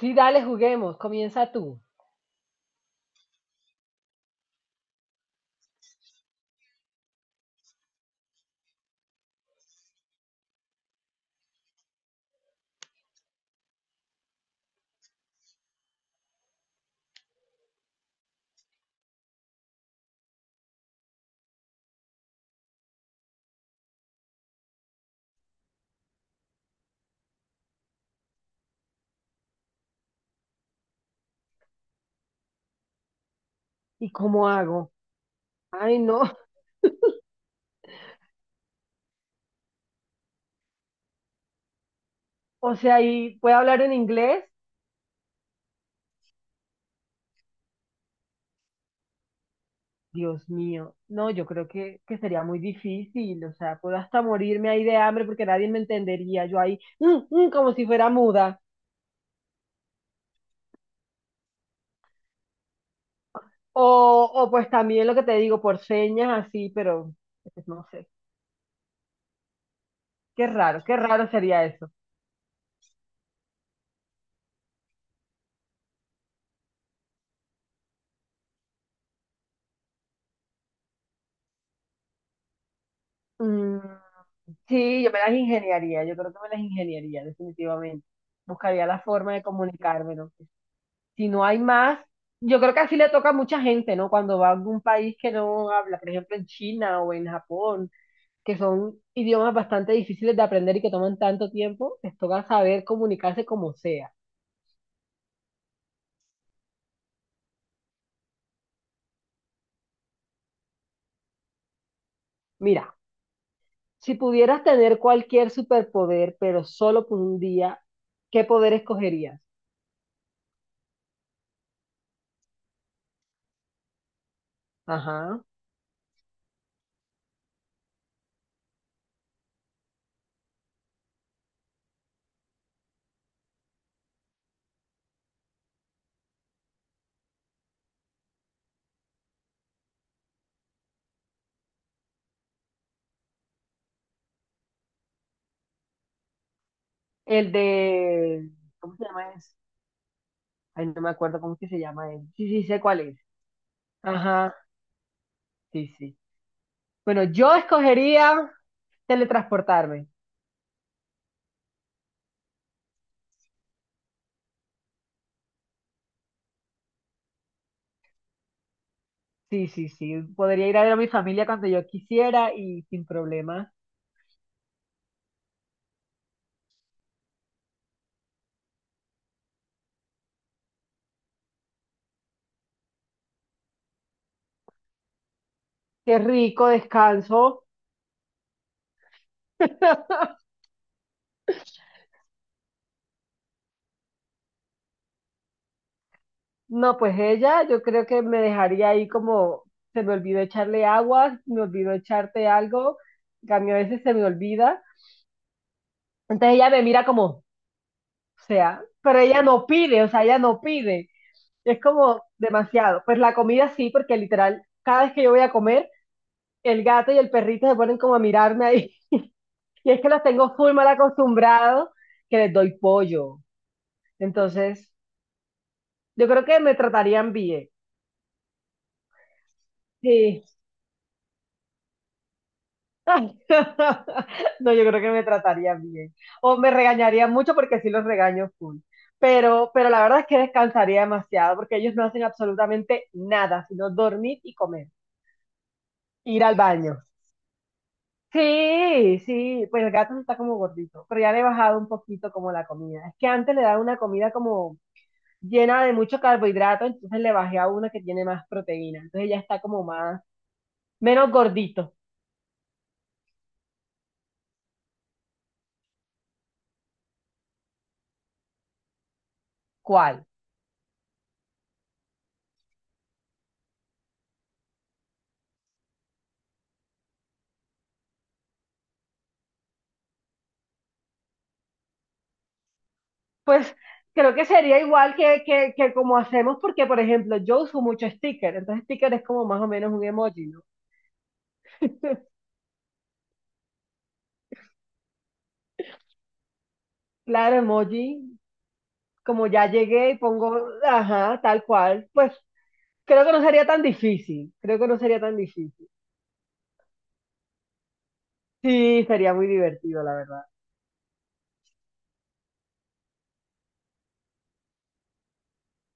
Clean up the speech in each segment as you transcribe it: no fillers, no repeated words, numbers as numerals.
Sí, dale, juguemos, comienza tú. ¿Y cómo hago? Ay, no. O sea, ¿y puedo hablar en inglés? Dios mío. No, yo creo que sería muy difícil. O sea, puedo hasta morirme ahí de hambre porque nadie me entendería. Yo ahí, como si fuera muda. O pues también lo que te digo, por señas así, pero pues, no sé. Qué raro sería eso. Mm, sí, yo me las ingeniaría. Yo creo que me las ingeniaría, definitivamente. Buscaría la forma de comunicarme, ¿no? Si no hay más, yo creo que así le toca a mucha gente, ¿no? Cuando va a algún país que no habla, por ejemplo en China o en Japón, que son idiomas bastante difíciles de aprender y que toman tanto tiempo, les toca saber comunicarse como sea. Mira, si pudieras tener cualquier superpoder, pero solo por un día, ¿qué poder escogerías? Ajá. El de, ¿cómo se llama ese? Ay, no me acuerdo cómo es que se llama él. Sí, sí, sé cuál es. Ajá, sí, sí. Bueno, yo escogería teletransportarme. Sí, sí, sí. Podría ir a ver a mi familia cuando yo quisiera y sin problemas. Qué rico descanso. No, pues ella, yo creo que me dejaría ahí como se me olvidó echarle agua, me olvidó echarte algo, que a mí a veces se me olvida. Entonces ella me mira como, o sea, pero ella no pide, o sea, ella no pide. Es como demasiado. Pues la comida sí, porque literal, cada vez que yo voy a comer, el gato y el perrito se ponen como a mirarme ahí. Y es que los tengo full mal acostumbrados que les doy pollo. Entonces, yo creo que me tratarían bien. Sí. No, yo creo que me tratarían bien. O me regañarían mucho porque sí los regaño full. Pero la verdad es que descansaría demasiado porque ellos no hacen absolutamente nada, sino dormir y comer, ir al baño. Sí, sí, pues el gato sí está como gordito, pero ya le he bajado un poquito como la comida. Es que antes le daba una comida como llena de mucho carbohidrato, entonces le bajé a una que tiene más proteína. Entonces ya está como más, menos gordito. ¿Cuál? Pues creo que sería igual que como hacemos, porque por ejemplo, yo uso mucho sticker, entonces sticker es como más o menos un emoji, ¿no? Claro, emoji, como ya llegué y pongo, ajá, tal cual, pues creo que no sería tan difícil, creo que no sería tan difícil. Sí, sería muy divertido, la verdad.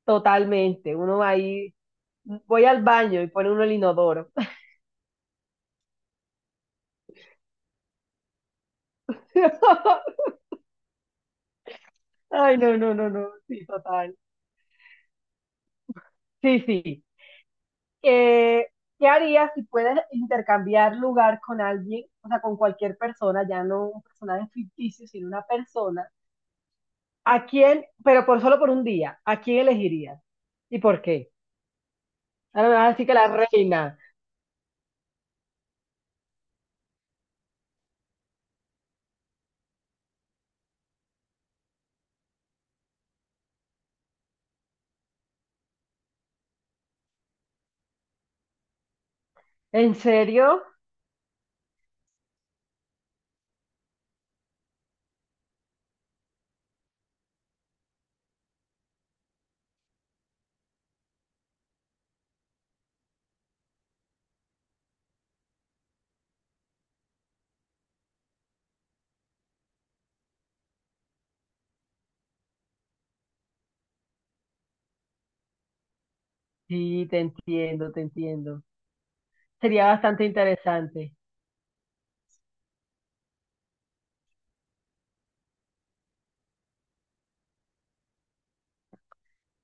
Totalmente, uno va ahí, voy al baño y pone uno el inodoro. Ay, no, no, no, no, sí, total. Sí, sí. Eh, ¿Qué harías si puedes intercambiar lugar con alguien, o sea, con cualquier persona, ya no un personaje ficticio, sino una persona? ¿A quién, pero por solo por un día, a quién elegirías? ¿Y por qué? Ah, así que la reina. ¿En serio? Sí, te entiendo, te entiendo. Sería bastante interesante.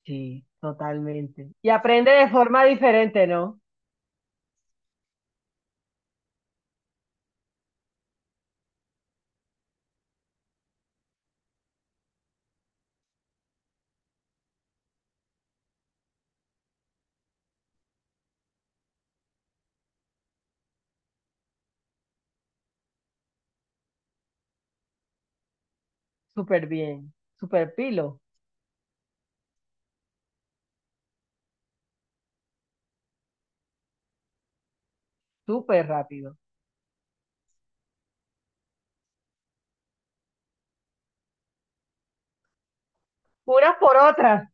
Sí, totalmente. Y aprende de forma diferente, ¿no? Súper bien, súper pilo, súper rápido. Unas por otras.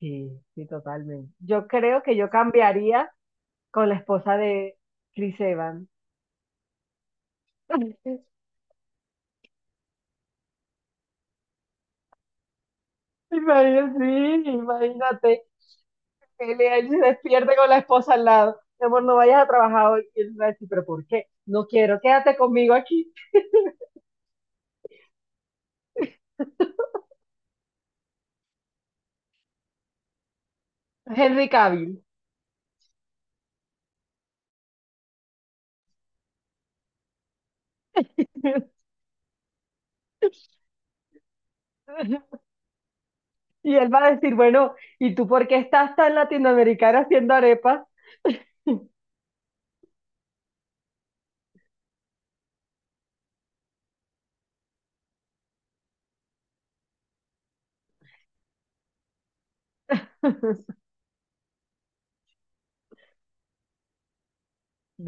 Sí, sí, totalmente. Yo creo que yo cambiaría con la esposa de Chris Evans. Imagínate, sí, imagínate. Que él se despierte con la esposa al lado. Mi amor, no vayas a trabajar hoy. Y él va a decir, ¿pero por qué? No quiero, quédate conmigo aquí. Henry Cavill. Y él va a decir, bueno, ¿y tú por qué estás tan latinoamericana haciendo arepas?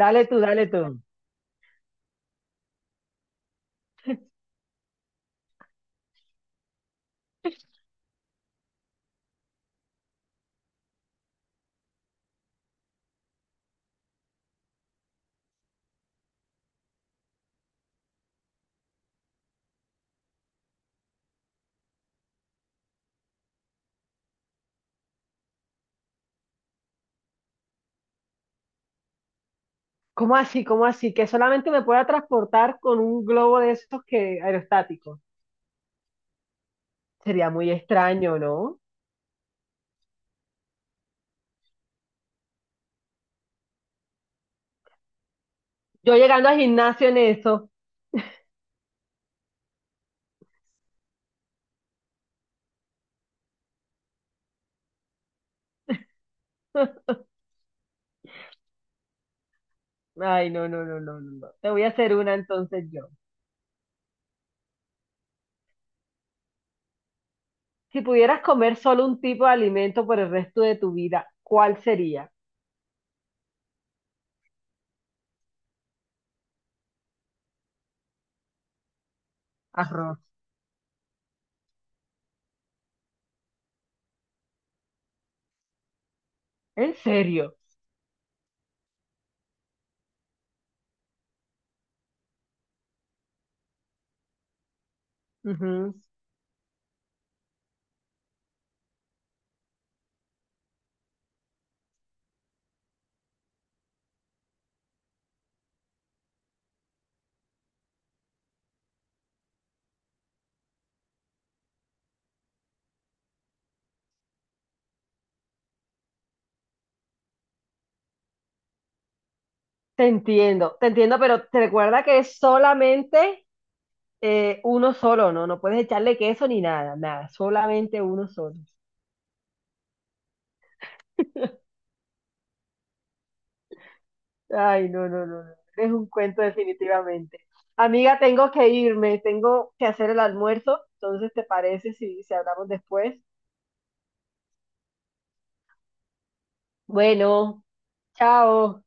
Dale tú, dale tú. ¿Cómo así? ¿Cómo así? Que solamente me pueda transportar con un globo de esos que aerostáticos. Sería muy extraño, ¿no? Yo llegando al gimnasio en eso. Ay, no, no, no, no, no. No. Te voy a hacer una entonces yo. Si pudieras comer solo un tipo de alimento por el resto de tu vida, ¿cuál sería? Arroz. ¿En serio? Ujú. Te entiendo, pero te recuerda que es solamente uno solo, no, no puedes echarle queso ni nada, nada, solamente uno solo. Ay, no, no, no, no, es un cuento definitivamente. Amiga, tengo que irme, tengo que hacer el almuerzo, entonces, ¿te parece si, si hablamos después? Bueno, chao.